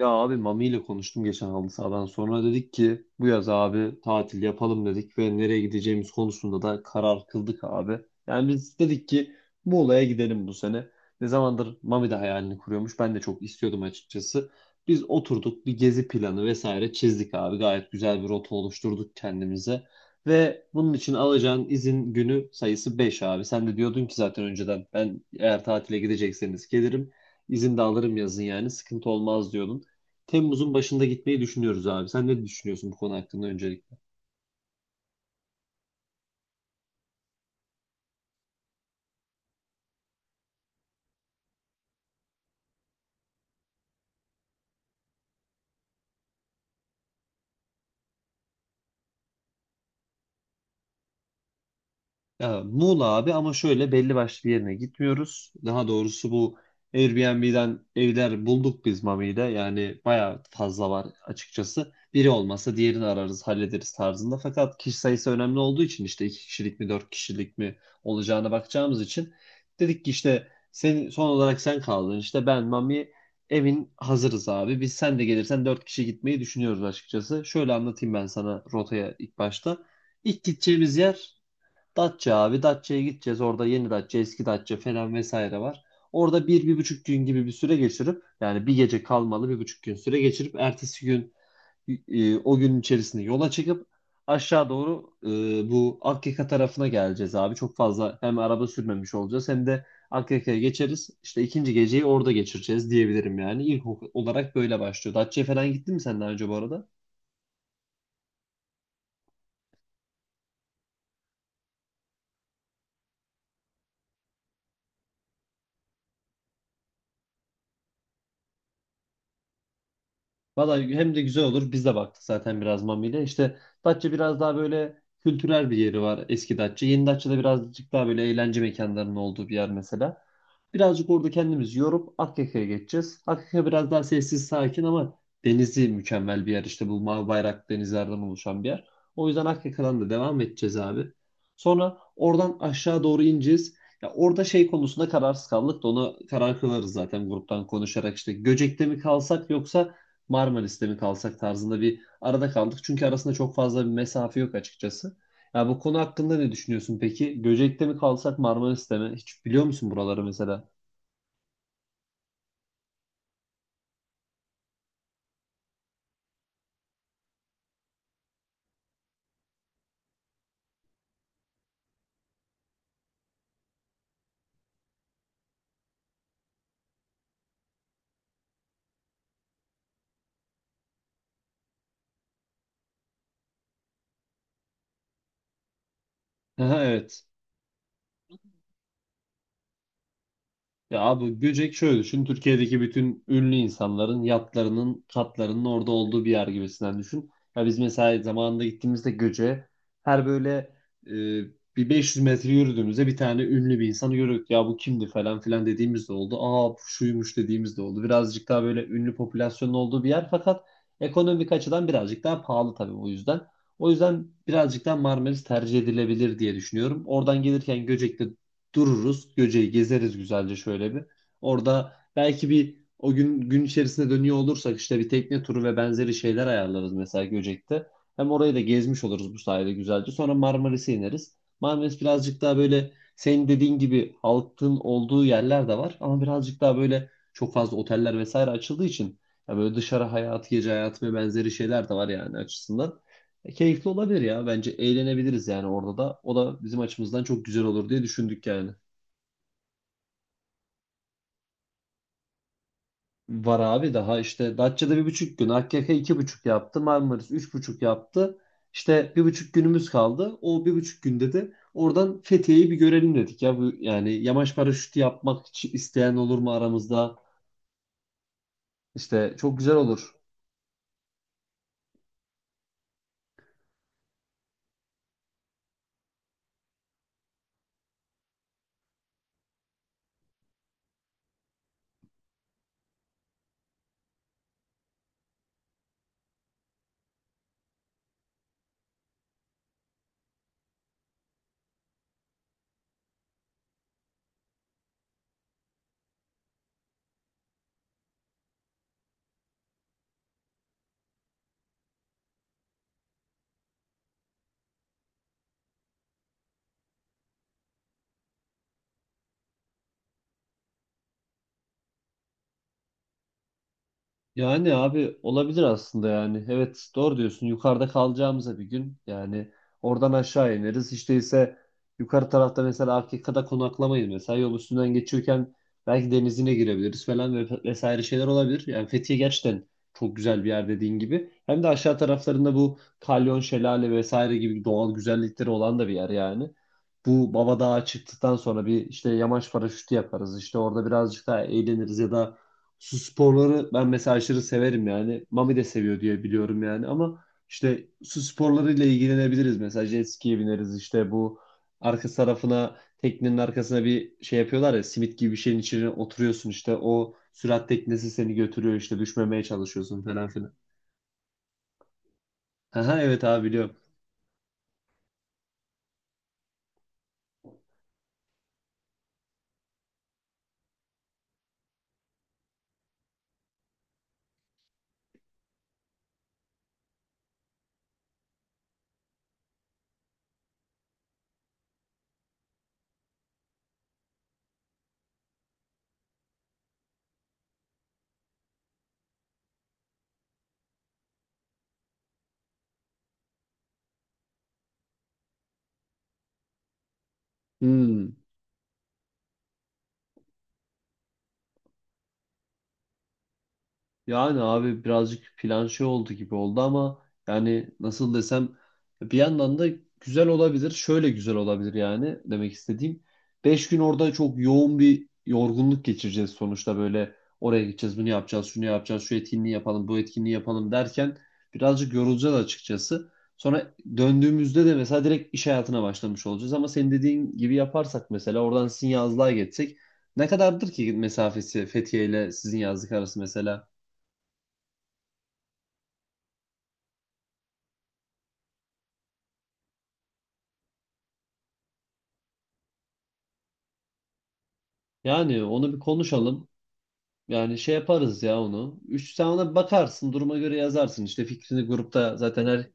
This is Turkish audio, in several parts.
Ya abi Mami ile konuştum geçen halı sahadan sonra dedik ki bu yaz abi tatil yapalım dedik ve nereye gideceğimiz konusunda da karar kıldık abi. Yani biz dedik ki Muğla'ya gidelim bu sene. Ne zamandır Mami de hayalini kuruyormuş. Ben de çok istiyordum açıkçası. Biz oturduk bir gezi planı vesaire çizdik abi. Gayet güzel bir rota oluşturduk kendimize. Ve bunun için alacağın izin günü sayısı 5 abi. Sen de diyordun ki zaten önceden ben eğer tatile gidecekseniz gelirim. İzin de alırım yazın yani sıkıntı olmaz diyordun. Temmuz'un başında gitmeyi düşünüyoruz abi. Sen ne düşünüyorsun bu konu hakkında öncelikle? Ya, Muğla abi ama şöyle belli başlı bir yerine gitmiyoruz. Daha doğrusu bu Airbnb'den evler bulduk biz Mami'de. Yani bayağı fazla var açıkçası. Biri olmasa diğerini ararız, hallederiz tarzında. Fakat kişi sayısı önemli olduğu için işte iki kişilik mi, dört kişilik mi olacağına bakacağımız için dedik ki işte sen, son olarak sen kaldın. İşte ben, Mami evin hazırız abi. Biz sen de gelirsen dört kişi gitmeyi düşünüyoruz açıkçası. Şöyle anlatayım ben sana rotaya ilk başta. İlk gideceğimiz yer Datça abi. Datça'ya gideceğiz. Orada yeni Datça, eski Datça falan vesaire var. Orada bir, bir buçuk gün gibi bir süre geçirip yani bir gece kalmalı bir buçuk gün süre geçirip ertesi gün o gün içerisinde yola çıkıp aşağı doğru bu Akyaka tarafına geleceğiz abi. Çok fazla hem araba sürmemiş olacağız hem de Akyaka'ya geçeriz. İşte ikinci geceyi orada geçireceğiz diyebilirim yani. Olarak böyle başlıyor. Datça'ya falan gittin mi sen daha önce bu arada? Valla hem de güzel olur. Biz de baktık zaten biraz Mami'yle. İşte Datça biraz daha böyle kültürel bir yeri var eski Datça. Yeni Datça'da birazcık daha böyle eğlence mekanlarının olduğu bir yer mesela. Birazcık orada kendimizi yorup Akyaka'ya geçeceğiz. Akyaka biraz daha sessiz sakin ama denizi mükemmel bir yer. İşte bu mavi bayrak denizlerden oluşan bir yer. O yüzden Akyaka'dan da devam edeceğiz abi. Sonra oradan aşağı doğru ineceğiz. Ya orada şey konusunda kararsız kaldık da onu karar kılarız zaten gruptan konuşarak işte Göcek'te mi kalsak yoksa Marmaris'te mi kalsak tarzında bir arada kaldık. Çünkü arasında çok fazla bir mesafe yok açıkçası. Ya bu konu hakkında ne düşünüyorsun peki? Göcek'te mi kalsak Marmaris'te mi? Hiç biliyor musun buraları mesela? Aha, evet. Ya abi Göcek şöyle düşün. Türkiye'deki bütün ünlü insanların yatlarının, katlarının orada olduğu bir yer gibisinden düşün. Ya biz mesela zamanında gittiğimizde Göcek'e her böyle e, bir 500 metre yürüdüğümüzde bir tane ünlü bir insanı görüyorduk. Ya bu kimdi falan filan dediğimiz de oldu. Aa bu şuymuş dediğimiz de oldu. Birazcık daha böyle ünlü popülasyonun olduğu bir yer fakat ekonomik açıdan birazcık daha pahalı tabii o yüzden. O yüzden birazcık daha Marmaris tercih edilebilir diye düşünüyorum. Oradan gelirken Göcek'te dururuz. Göce'yi gezeriz güzelce şöyle bir. Orada belki bir o gün içerisinde dönüyor olursak işte bir tekne turu ve benzeri şeyler ayarlarız mesela Göcek'te. Hem orayı da gezmiş oluruz bu sayede güzelce. Sonra Marmaris'e ineriz. Marmaris birazcık daha böyle senin dediğin gibi halkın olduğu yerler de var ama birazcık daha böyle çok fazla oteller vesaire açıldığı için ya böyle dışarı hayatı, gece hayatı ve benzeri şeyler de var yani açısından. Keyifli olabilir ya. Bence eğlenebiliriz yani orada da. O da bizim açımızdan çok güzel olur diye düşündük yani. Var abi daha işte Datça'da bir buçuk gün, AKK iki buçuk yaptı, Marmaris üç buçuk yaptı. İşte bir buçuk günümüz kaldı. O bir buçuk günde de oradan Fethiye'yi bir görelim dedik ya. Bu, yani yamaç paraşütü yapmak için isteyen olur mu aramızda? İşte çok güzel olur. Yani abi olabilir aslında yani. Evet doğru diyorsun. Yukarıda kalacağımıza bir gün yani oradan aşağı ineriz. Hiç değilse yukarı tarafta mesela Afrika'da konaklamayız mesela. Yol üstünden geçiyorken belki denizine girebiliriz falan ve vesaire şeyler olabilir. Yani Fethiye gerçekten çok güzel bir yer dediğin gibi. Hem de aşağı taraflarında bu Kalyon Şelale vesaire gibi doğal güzellikleri olan da bir yer yani. Bu Baba Dağı çıktıktan sonra bir işte yamaç paraşütü yaparız. İşte orada birazcık daha eğleniriz ya da su sporları ben mesela aşırı severim yani. Mami de seviyor diye biliyorum yani ama işte su sporlarıyla ilgilenebiliriz. Mesela jet ski'ye bineriz işte bu arka tarafına teknenin arkasına bir şey yapıyorlar ya simit gibi bir şeyin içine oturuyorsun işte o sürat teknesi seni götürüyor işte düşmemeye çalışıyorsun falan filan. Aha evet abi biliyorum. Hmm. Yani abi birazcık plan şey oldu gibi oldu ama yani nasıl desem bir yandan da güzel olabilir. Şöyle güzel olabilir yani demek istediğim. Beş gün orada çok yoğun bir yorgunluk geçireceğiz sonuçta böyle oraya gideceğiz bunu yapacağız şunu yapacağız şu etkinliği yapalım bu etkinliği yapalım derken birazcık yorulacağız açıkçası. Sonra döndüğümüzde de mesela direkt iş hayatına başlamış olacağız ama senin dediğin gibi yaparsak mesela oradan sizin yazlığa geçsek ne kadardır ki mesafesi Fethiye ile sizin yazlık arası mesela? Yani onu bir konuşalım. Yani şey yaparız ya onu. Üç, sen ona bakarsın duruma göre yazarsın. İşte fikrini grupta zaten her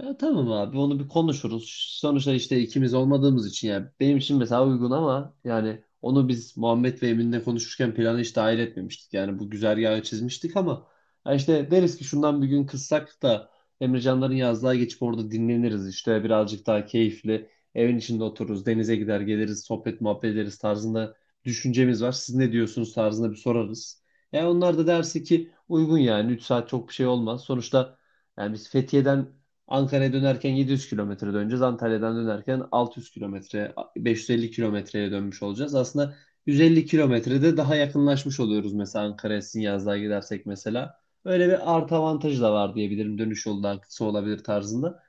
ya tamam abi onu bir konuşuruz. Sonuçta işte ikimiz olmadığımız için yani benim için mesela uygun ama yani onu biz Muhammed ve Emin'le konuşurken planı hiç dahil etmemiştik. Yani bu güzergahı çizmiştik ama ya işte deriz ki şundan bir gün kıssak da Emrecanların yazlığa geçip orada dinleniriz işte birazcık daha keyifli evin içinde otururuz denize gider geliriz sohbet muhabbet ederiz tarzında düşüncemiz var. Siz ne diyorsunuz tarzında bir sorarız. Yani onlar da derse ki uygun yani 3 saat çok bir şey olmaz. Sonuçta yani biz Fethiye'den Ankara'ya dönerken 700 kilometre döneceğiz. Antalya'dan dönerken 600 kilometre, 550 kilometreye dönmüş olacağız. Aslında 150 kilometrede daha yakınlaşmış oluyoruz mesela Ankara'ya Sinyazdağ'a gidersek mesela. Öyle bir artı avantajı da var diyebilirim. Dönüş yolu daha kısa olabilir tarzında.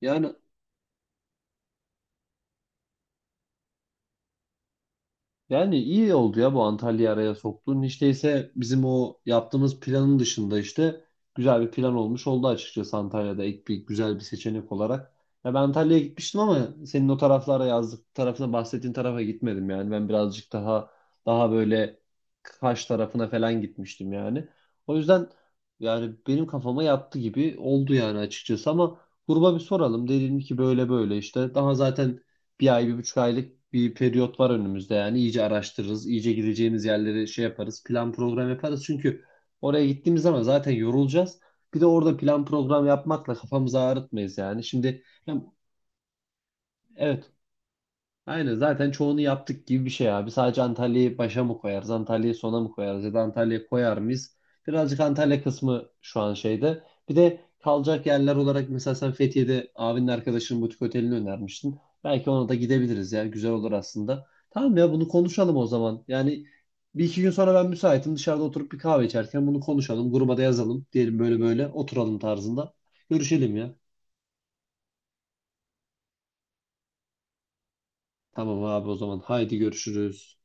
Yani yani iyi oldu ya bu Antalya'yı araya soktuğun. Hiç değilse bizim o yaptığımız planın dışında işte güzel bir plan olmuş oldu açıkçası Antalya'da ek bir güzel bir seçenek olarak. Ya ben Antalya'ya gitmiştim ama senin o taraflara yazdık tarafına bahsettiğin tarafa gitmedim yani. Ben birazcık daha böyle Kaş tarafına falan gitmiştim yani. O yüzden yani benim kafama yattı gibi oldu yani açıkçası ama gruba bir soralım. Dedim ki böyle böyle işte daha zaten bir ay, bir buçuk aylık bir periyot var önümüzde yani. İyice araştırırız, iyice gideceğimiz yerleri şey yaparız, plan program yaparız. Çünkü oraya gittiğimiz zaman zaten yorulacağız. Bir de orada plan program yapmakla kafamızı ağrıtmayız yani. Şimdi hem- evet aynen zaten çoğunu yaptık gibi bir şey abi. Sadece Antalya'yı başa mı koyarız, Antalya'yı sona mı koyarız ya da Antalya'yı koyar mıyız? Birazcık Antalya kısmı şu an şeyde. Bir de kalacak yerler olarak mesela sen Fethiye'de abinin arkadaşının butik otelini önermiştin. Belki ona da gidebiliriz ya güzel olur aslında. Tamam ya bunu konuşalım o zaman. Yani bir iki gün sonra ben müsaitim dışarıda oturup bir kahve içerken bunu konuşalım. Gruba da yazalım. Diyelim böyle böyle oturalım tarzında. Görüşelim ya. Tamam abi o zaman haydi görüşürüz.